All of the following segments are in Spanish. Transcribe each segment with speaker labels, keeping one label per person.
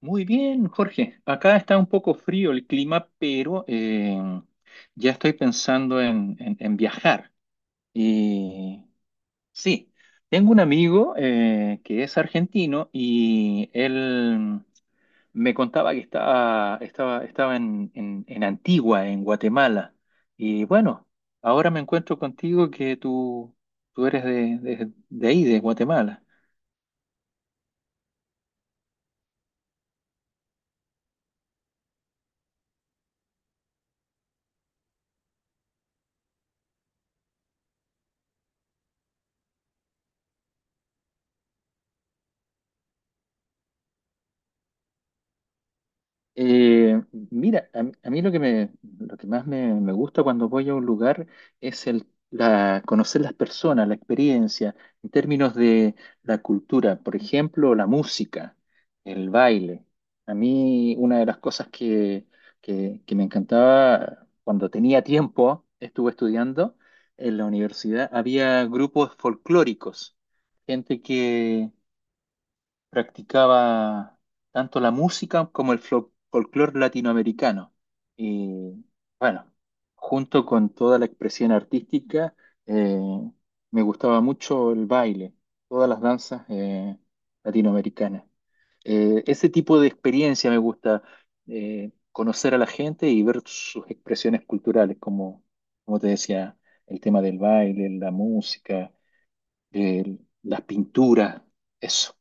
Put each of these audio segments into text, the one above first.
Speaker 1: Muy bien, Jorge. Acá está un poco frío el clima, pero ya estoy pensando en viajar. Y sí, tengo un amigo que es argentino y él me contaba que estaba en Antigua, en Guatemala. Y bueno, ahora me encuentro contigo que tú eres de ahí, de Guatemala. Eh, mira, a mí lo que más me gusta cuando voy a un lugar es conocer las personas, la experiencia, en términos de la cultura, por ejemplo, la música, el baile. A mí una de las cosas que me encantaba cuando tenía tiempo, estuve estudiando en la universidad, había grupos folclóricos, gente practicaba tanto la música como el folclore latinoamericano. Y bueno, junto con toda la expresión artística, eh, me gustaba mucho el baile, todas las danzas latinoamericanas. Ese tipo de experiencia me gusta, conocer a la gente y ver sus expresiones culturales, como te decía, el tema del baile, la música, las pinturas, eso.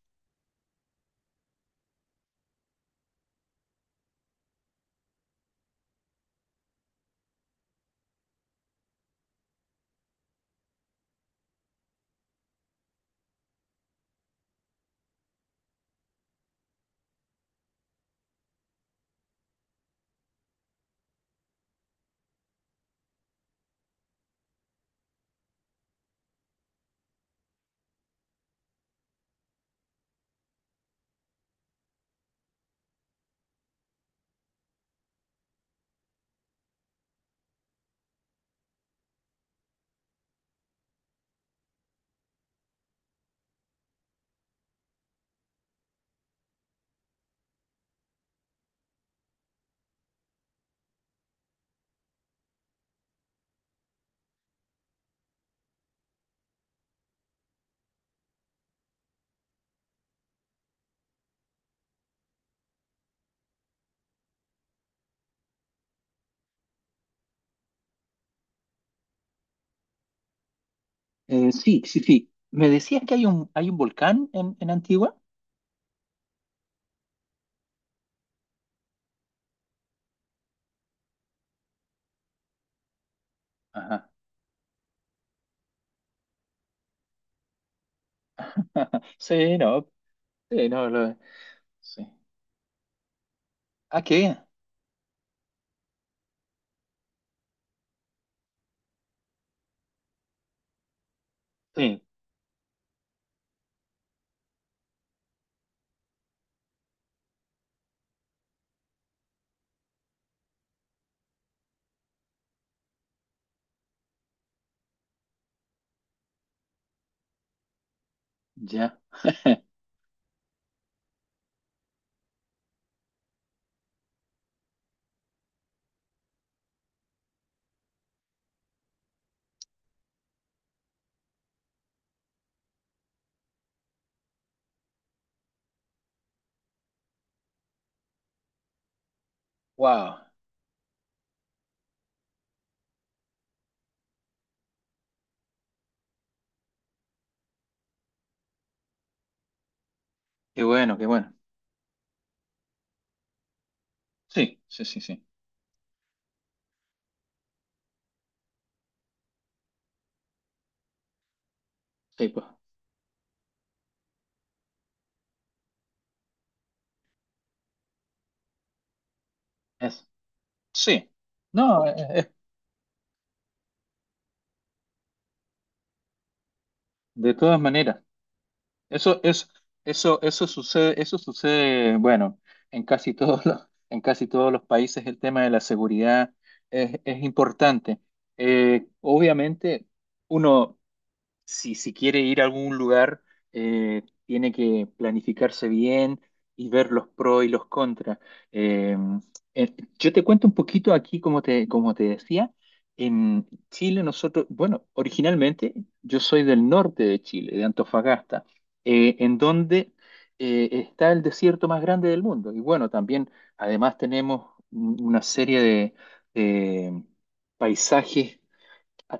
Speaker 1: Sí, sí, sí. Me decías que hay un volcán en Antigua. Ajá. Sí, no, sí, no, sí. ¿Ah, qué? Bien. Sí, ya. Wow, qué bueno, qué bueno. Sí, sí, sí, sí. Sí, pues, es. Sí. No, de todas maneras. Eso, es, eso sucede, Eso sucede, bueno, en casi todos los países el tema de la seguridad es importante. Obviamente, uno, si quiere ir a algún lugar, tiene que planificarse bien y ver los pros y los contras. Eh, yo te cuento un poquito aquí, como te decía, en Chile nosotros, bueno, originalmente yo soy del norte de Chile, de Antofagasta, en donde está el desierto más grande del mundo. Y bueno, también, además tenemos una serie de de paisajes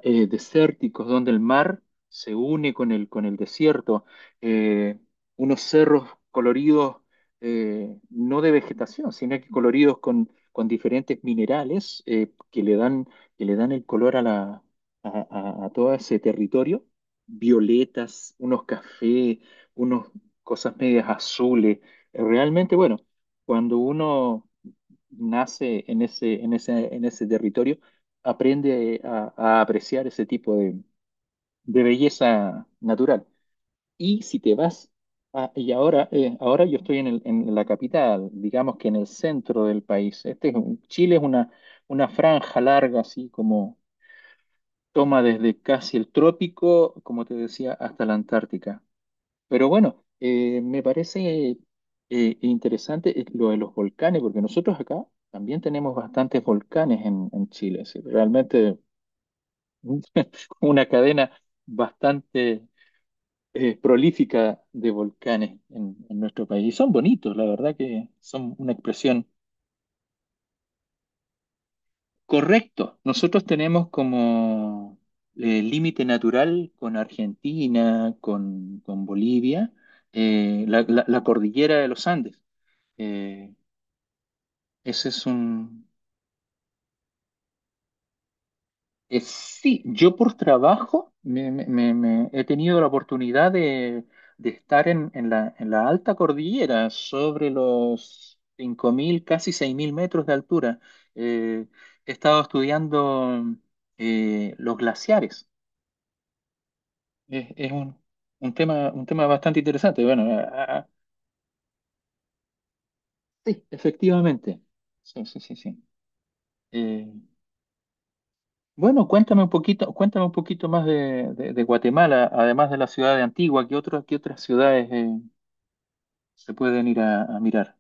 Speaker 1: desérticos donde el mar se une con el desierto, eh, unos cerros coloridos no de vegetación, sino que coloridos con diferentes minerales que le dan el color a, la, a todo ese territorio, violetas, unos cafés, unas cosas medias azules. Realmente, bueno, cuando uno nace en ese territorio, aprende a apreciar ese tipo de belleza natural. Y si te vas, y ahora, yo estoy en la capital, digamos que en el centro del país. Chile es una franja larga, así como toma desde casi el trópico, como te decía, hasta la Antártica. Pero bueno, me parece interesante lo de los volcanes, porque nosotros acá también tenemos bastantes volcanes en Chile. Sí, realmente una cadena bastante prolífica de volcanes en nuestro país. Y son bonitos, la verdad que son una expresión. Correcta. Nosotros tenemos como límite natural con Argentina, con Bolivia, la cordillera de los Andes. Eh, ese es un, sí, yo por trabajo me he tenido la oportunidad de estar en la alta cordillera, sobre los 5.000, casi 6.000 metros de altura. Eh, he estado estudiando los glaciares. Es un, un tema bastante interesante. Bueno, sí, efectivamente. Sí, sí, sí, sí. Eh, Bueno, cuéntame un poquito más de Guatemala, además de la ciudad de Antigua, ¿qué otras ciudades se pueden ir a mirar?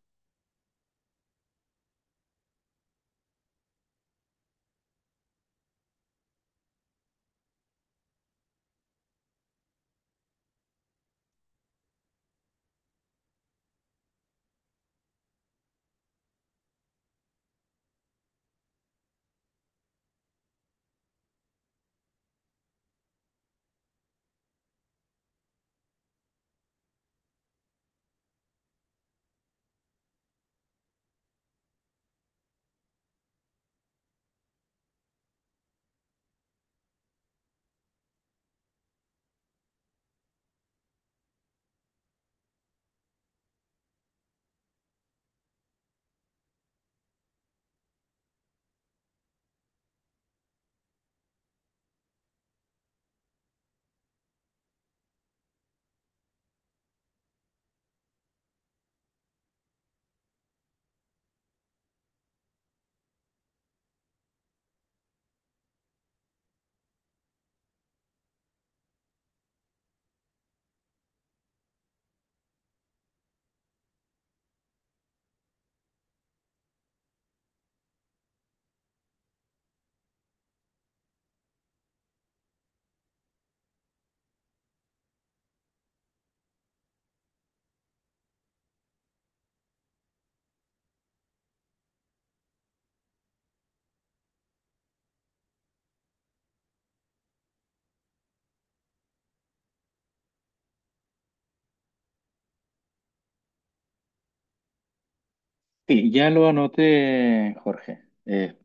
Speaker 1: Sí, ya lo anoté, Jorge. Eh,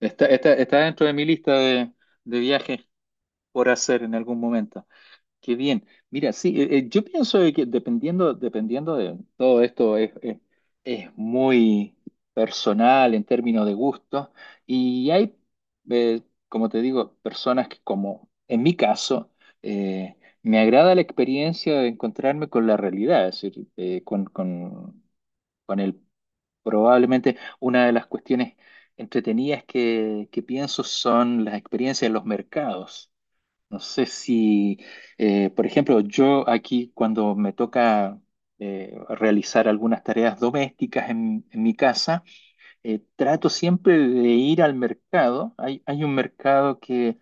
Speaker 1: está, está- está dentro de mi lista de viajes por hacer en algún momento. Qué bien. Mira, sí, yo pienso de que dependiendo de todo esto es muy personal en términos de gustos y eh, como te digo, personas que como en mi caso, eh, me agrada la experiencia de encontrarme con la realidad, es decir, con el, probablemente una de las cuestiones entretenidas que pienso son las experiencias en los mercados. No sé si, por ejemplo, yo aquí cuando me toca realizar algunas tareas domésticas en mi casa, trato siempre de ir al mercado. Hay un mercado que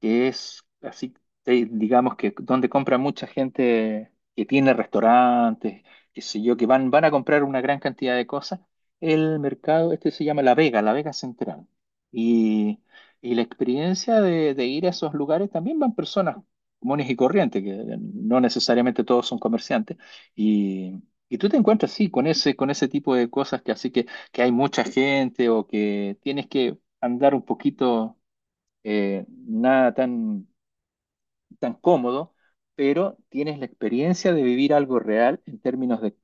Speaker 1: que es así, digamos que donde compra mucha gente que tiene restaurantes, qué sé yo, que van a comprar una gran cantidad de cosas. El mercado, este se llama La Vega, La Vega Central. Y, y la experiencia de ir a esos lugares también van personas comunes y corrientes, que no necesariamente todos son comerciantes. Y, y tú te encuentras, sí, con ese tipo de cosas que así que hay mucha gente o que tienes que andar un poquito nada tan cómodo, pero tienes la experiencia de vivir algo real en términos de,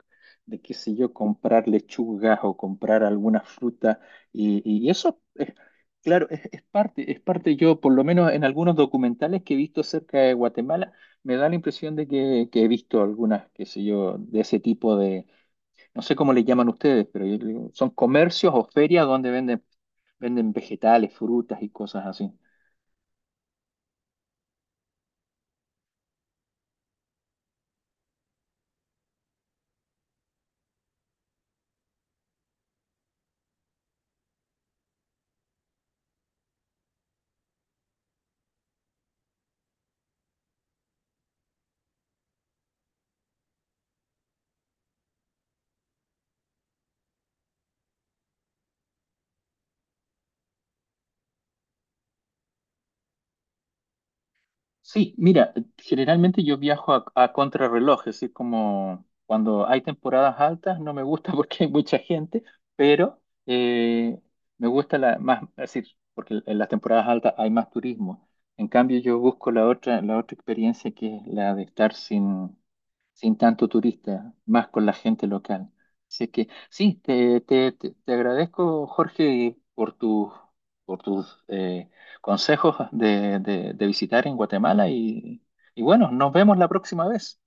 Speaker 1: de qué sé yo, comprar lechugas o comprar alguna fruta. Y claro, es parte, yo por lo menos en algunos documentales que he visto acerca de Guatemala, me da la impresión de que he visto algunas, qué sé yo, de ese tipo de, no sé cómo le llaman ustedes, pero yo le digo, son comercios o ferias donde venden vegetales, frutas y cosas así. Sí, mira, generalmente yo viajo a contrarreloj, es decir, como cuando hay temporadas altas no me gusta porque hay mucha gente, pero me gusta la más, es decir, porque en las temporadas altas hay más turismo. En cambio, yo busco la otra experiencia que es la de estar sin tanto turista, más con la gente local. Así que sí, te agradezco, Jorge, y por tus consejos de visitar en Guatemala y bueno, nos vemos la próxima vez.